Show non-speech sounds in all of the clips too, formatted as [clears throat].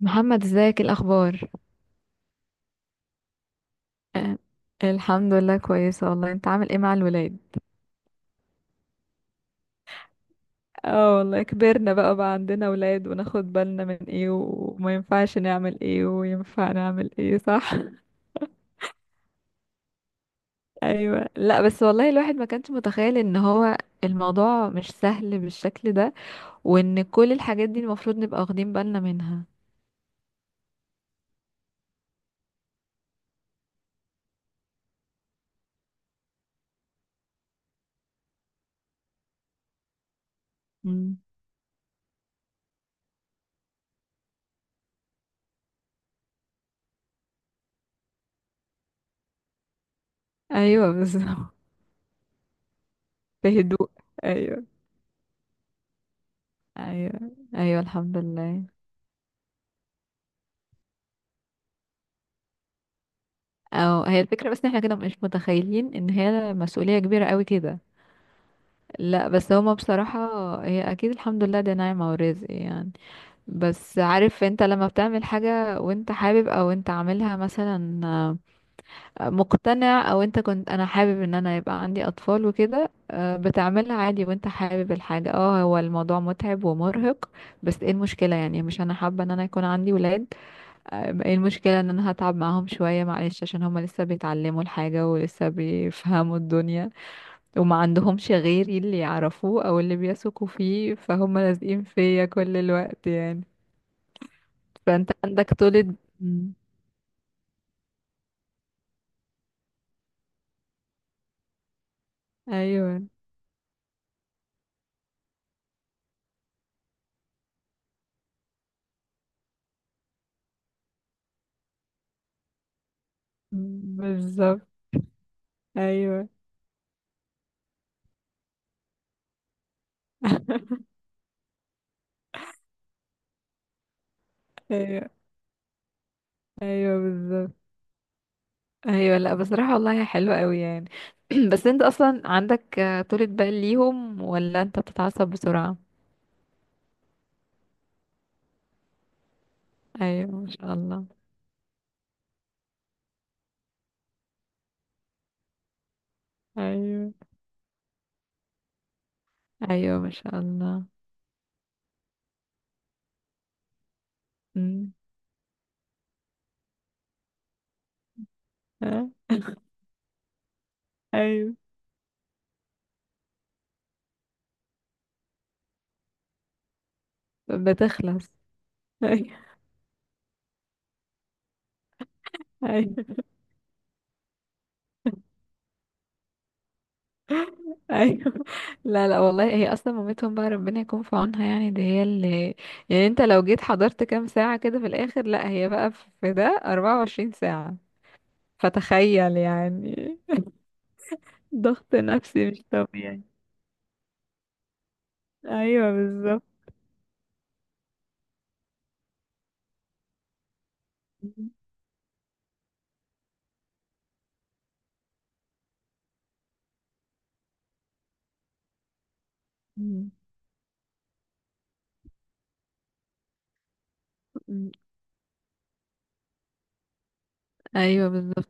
محمد، ازيك؟ ايه الاخبار؟ آه، الحمد لله كويسه. والله انت عامل ايه مع الولاد؟ اه والله كبرنا بقى عندنا ولاد، وناخد بالنا من ايه، وما ينفعش نعمل ايه وينفع نعمل ايه، صح؟ [laughs] ايوه. لا بس والله الواحد ما كانش متخيل ان هو الموضوع مش سهل بالشكل ده، وان كل الحاجات دي المفروض نبقى واخدين بالنا منها. مم. ايوه، بالظبط. [laughs] بهدوء. ايوه. ايوه. ايوه، الحمد لله. او هي الفكرة، بس ان احنا كده مش متخيلين ان هي مسؤولية كبيرة قوي كده. لا بس هما بصراحة. هي اكيد الحمد لله دي نعمة ورزق يعني. بس عارف انت لما بتعمل حاجة وانت حابب، او انت عاملها مثلا، مقتنع، او انت كنت انا حابب ان انا يبقى عندي اطفال وكده، بتعملها عادي وانت حابب الحاجة. اه، هو الموضوع متعب ومرهق. بس ايه المشكلة يعني؟ مش انا حابة ان انا يكون عندي ولاد. ايه المشكلة ان انا هتعب معاهم شوية معلش؟ عشان هما لسه بيتعلموا الحاجة ولسه بيفهموا الدنيا، وما عندهمش غيري اللي يعرفوه او اللي بيثقوا فيه، فهم لازقين فيا كل الوقت يعني. فانت عندك طولة. مم. ايوه. مم، بالظبط. ايوه. [laughs] ايوه. ايوه، بالظبط. ايوه، لا بصراحة والله حلوة قوي يعني. [clears throat] بس انت اصلا عندك طولة بال ليهم، ولا انت بتتعصب بسرعة؟ ايوه، ما شاء الله. ايوه. ايوه، ما شاء الله. امم. ها. ايوه. بتخلص. [laughs] ايوه. ايوه. ايوه. لا، لا، والله هي اصلا مامتهم بقى، ربنا يكون في عونها يعني، دي هي اللي، يعني انت لو جيت حضرت كام ساعة كده في الاخر، لا هي بقى في ده 24 ساعة. فتخيل يعني. ضغط نفسي مش طبيعي. ايوه، بالظبط. أمم. أمم. ايوه، بالظبط.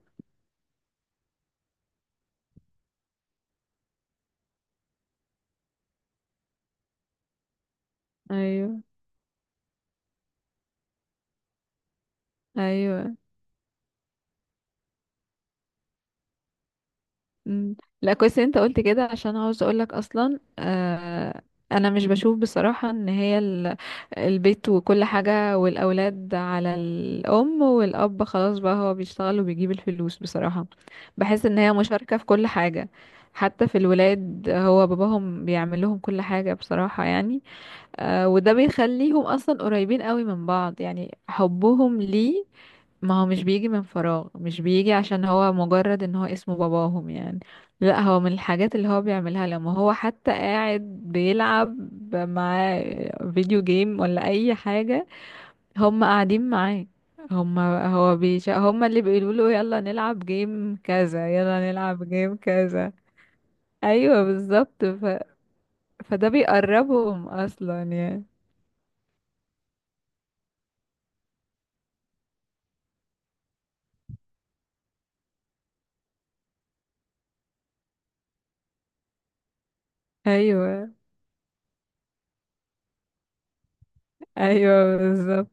ايوه. ايوه. مم. لا، كويس إن انت قلت كده عشان عاوز اقولك اصلا. انا مش بشوف بصراحة ان هي البيت وكل حاجة والاولاد على الام، والاب خلاص بقى هو بيشتغل وبيجيب الفلوس بصراحة. بحس ان هي مشاركة في كل حاجة. حتى في الولاد هو باباهم بيعمل لهم كل حاجة بصراحة يعني. وده بيخليهم اصلا قريبين قوي من بعض يعني حبهم ليه. ما هو مش بيجي من فراغ، مش بيجي عشان هو مجرد ان هو اسمه باباهم يعني. لا، هو من الحاجات اللي هو بيعملها لما هو حتى قاعد بيلعب مع فيديو جيم ولا اي حاجة، هم قاعدين معاه. هم اللي بيقولوا له يلا نلعب جيم كذا، يلا نلعب جيم كذا. ايوه، بالظبط. فده بيقربهم اصلا يعني. ايوه. ايوه، بالظبط.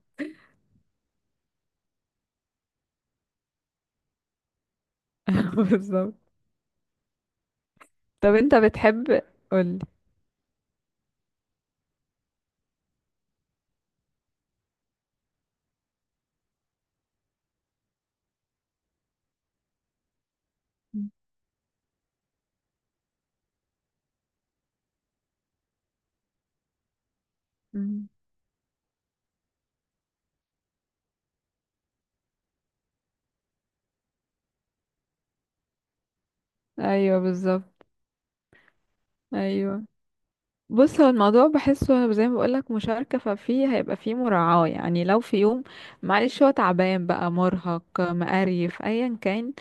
[laughs] بالظبط. طب انت بتحب؟ قولي. مم. ايوه، بالظبط. ايوه. بص، هو الموضوع بحسه زي ما بقولك مشاركة، ففيه هيبقى فيه مراعاة يعني. لو في يوم معلش هو تعبان بقى، مرهق، مقريف، ايا كان،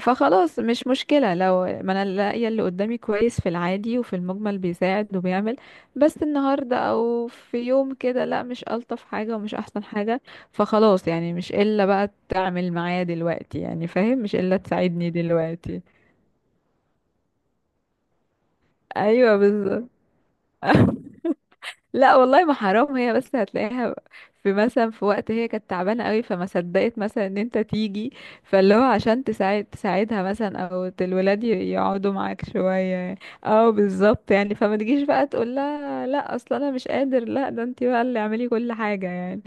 فخلاص مش مشكلة، لو ما انا لاقية اللي قدامي كويس في العادي وفي المجمل بيساعد وبيعمل. بس النهاردة او في يوم كده لا، مش ألطف حاجة ومش احسن حاجة. فخلاص يعني مش الا بقى تعمل معايا دلوقتي يعني، فاهم؟ مش الا تساعدني دلوقتي. ايوه، بالظبط. [laughs] لا والله، ما حرام، هي بس هتلاقيها في مثلا، في وقت هي كانت تعبانه قوي، فما صدقت مثلا ان انت تيجي، فاللي هو عشان تساعدها مثلا، او الولاد يقعدوا معاك شويه، او بالظبط يعني. فما تجيش بقى تقول لها لا اصلا انا مش قادر، لا ده انت بقى اللي اعملي كل حاجه يعني.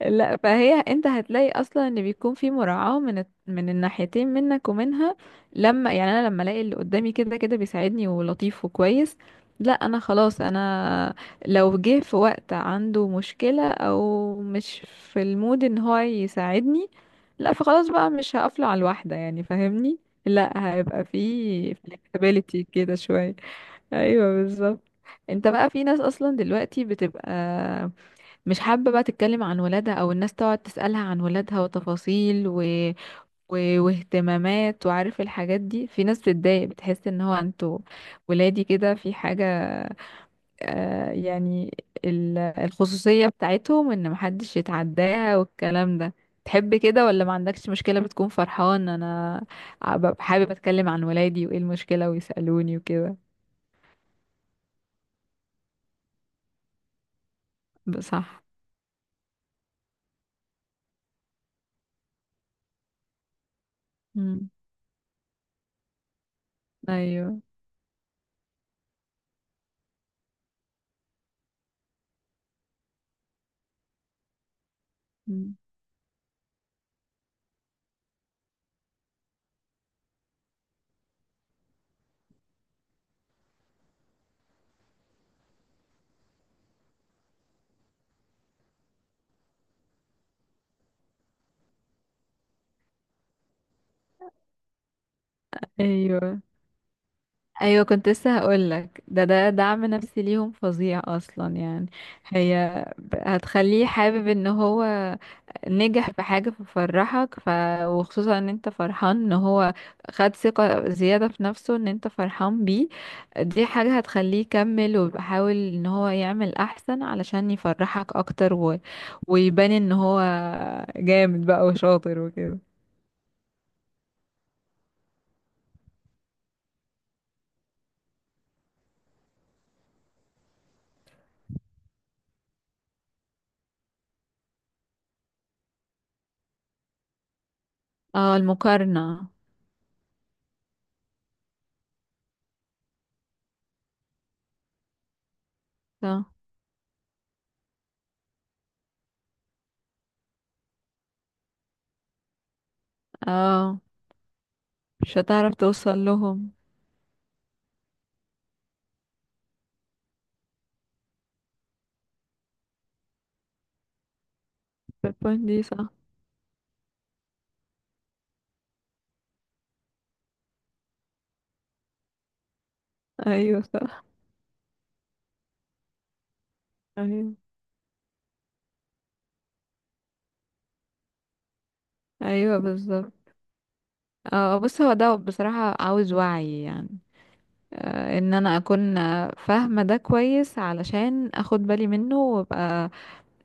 لا، فهي انت هتلاقي اصلا ان بيكون في مراعاة من الناحيتين، منك ومنها. لما يعني انا لما الاقي اللي قدامي كده كده بيساعدني ولطيف وكويس، لا انا خلاص، انا لو جه في وقت عنده مشكلة او مش في المود ان هو يساعدني، لا فخلاص بقى مش هقفله على الواحدة يعني، فاهمني؟ لا، هيبقى في flexibility كده شوية. ايوه، بالظبط. انت بقى في ناس اصلا دلوقتي بتبقى مش حابة بقى تتكلم عن ولادها، او الناس تقعد تسألها عن ولادها وتفاصيل واهتمامات وعارف، الحاجات دي في ناس بتتضايق، بتحس ان هو انتوا ولادي كده في حاجة، يعني الخصوصية بتاعتهم ان محدش يتعداها والكلام ده. تحب كده ولا ما عندكش مشكلة؟ بتكون فرحان، انا ببقى حابب اتكلم عن ولادي وايه المشكلة ويسألوني وكده. صح. مم. ايوه. مم. ايوه. ايوه كنت لسه هقولك، ده دعم نفسي ليهم فظيع اصلا يعني. هي هتخليه حابب ان هو نجح في حاجة ففرحك. وخصوصا ان انت فرحان ان هو خد ثقة زيادة في نفسه، ان انت فرحان بيه. دي حاجة هتخليه يكمل ويحاول ان هو يعمل احسن علشان يفرحك اكتر. ويبان ان هو جامد بقى وشاطر وكده. اه، المقارنة. صح. اه، مش هتعرف توصل لهم. باد بوينت دي، صح. ايوه، صح. ايوه. ايوه، بالظبط. اه بص، هو ده بصراحة عاوز وعي يعني. ان انا اكون فاهمة ده كويس، علشان اخد بالي منه وابقى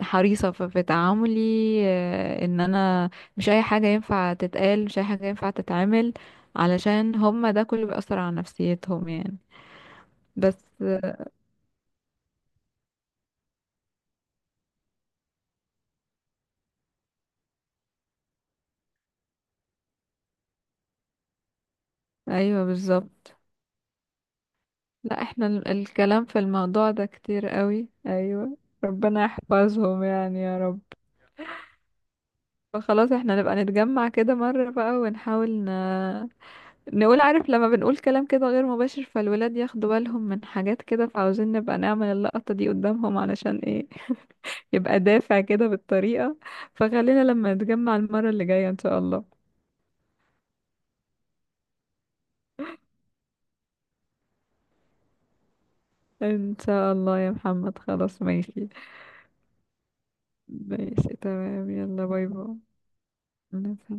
حريصة في تعاملي. ان انا مش اي حاجة ينفع تتقال، مش اي حاجة ينفع تتعمل، علشان هما ده كله بيأثر على نفسيتهم يعني. بس. ايوه، بالظبط. لا احنا الكلام في الموضوع ده كتير قوي، ايوه. ربنا يحفظهم يعني، يا رب. فخلاص احنا نبقى نتجمع كده مرة بقى، ونحاول. نقول عارف، لما بنقول كلام كده غير مباشر فالولاد ياخدوا بالهم من حاجات كده، فعاوزين نبقى نعمل اللقطة دي قدامهم علشان ايه؟ [laughs] يبقى دافع كده بالطريقة. فخلينا لما نتجمع المرة اللي جاية ان شاء الله. ان شاء الله يا محمد، خلاص ماشي. ماشي، تمام، يلا باي. باي.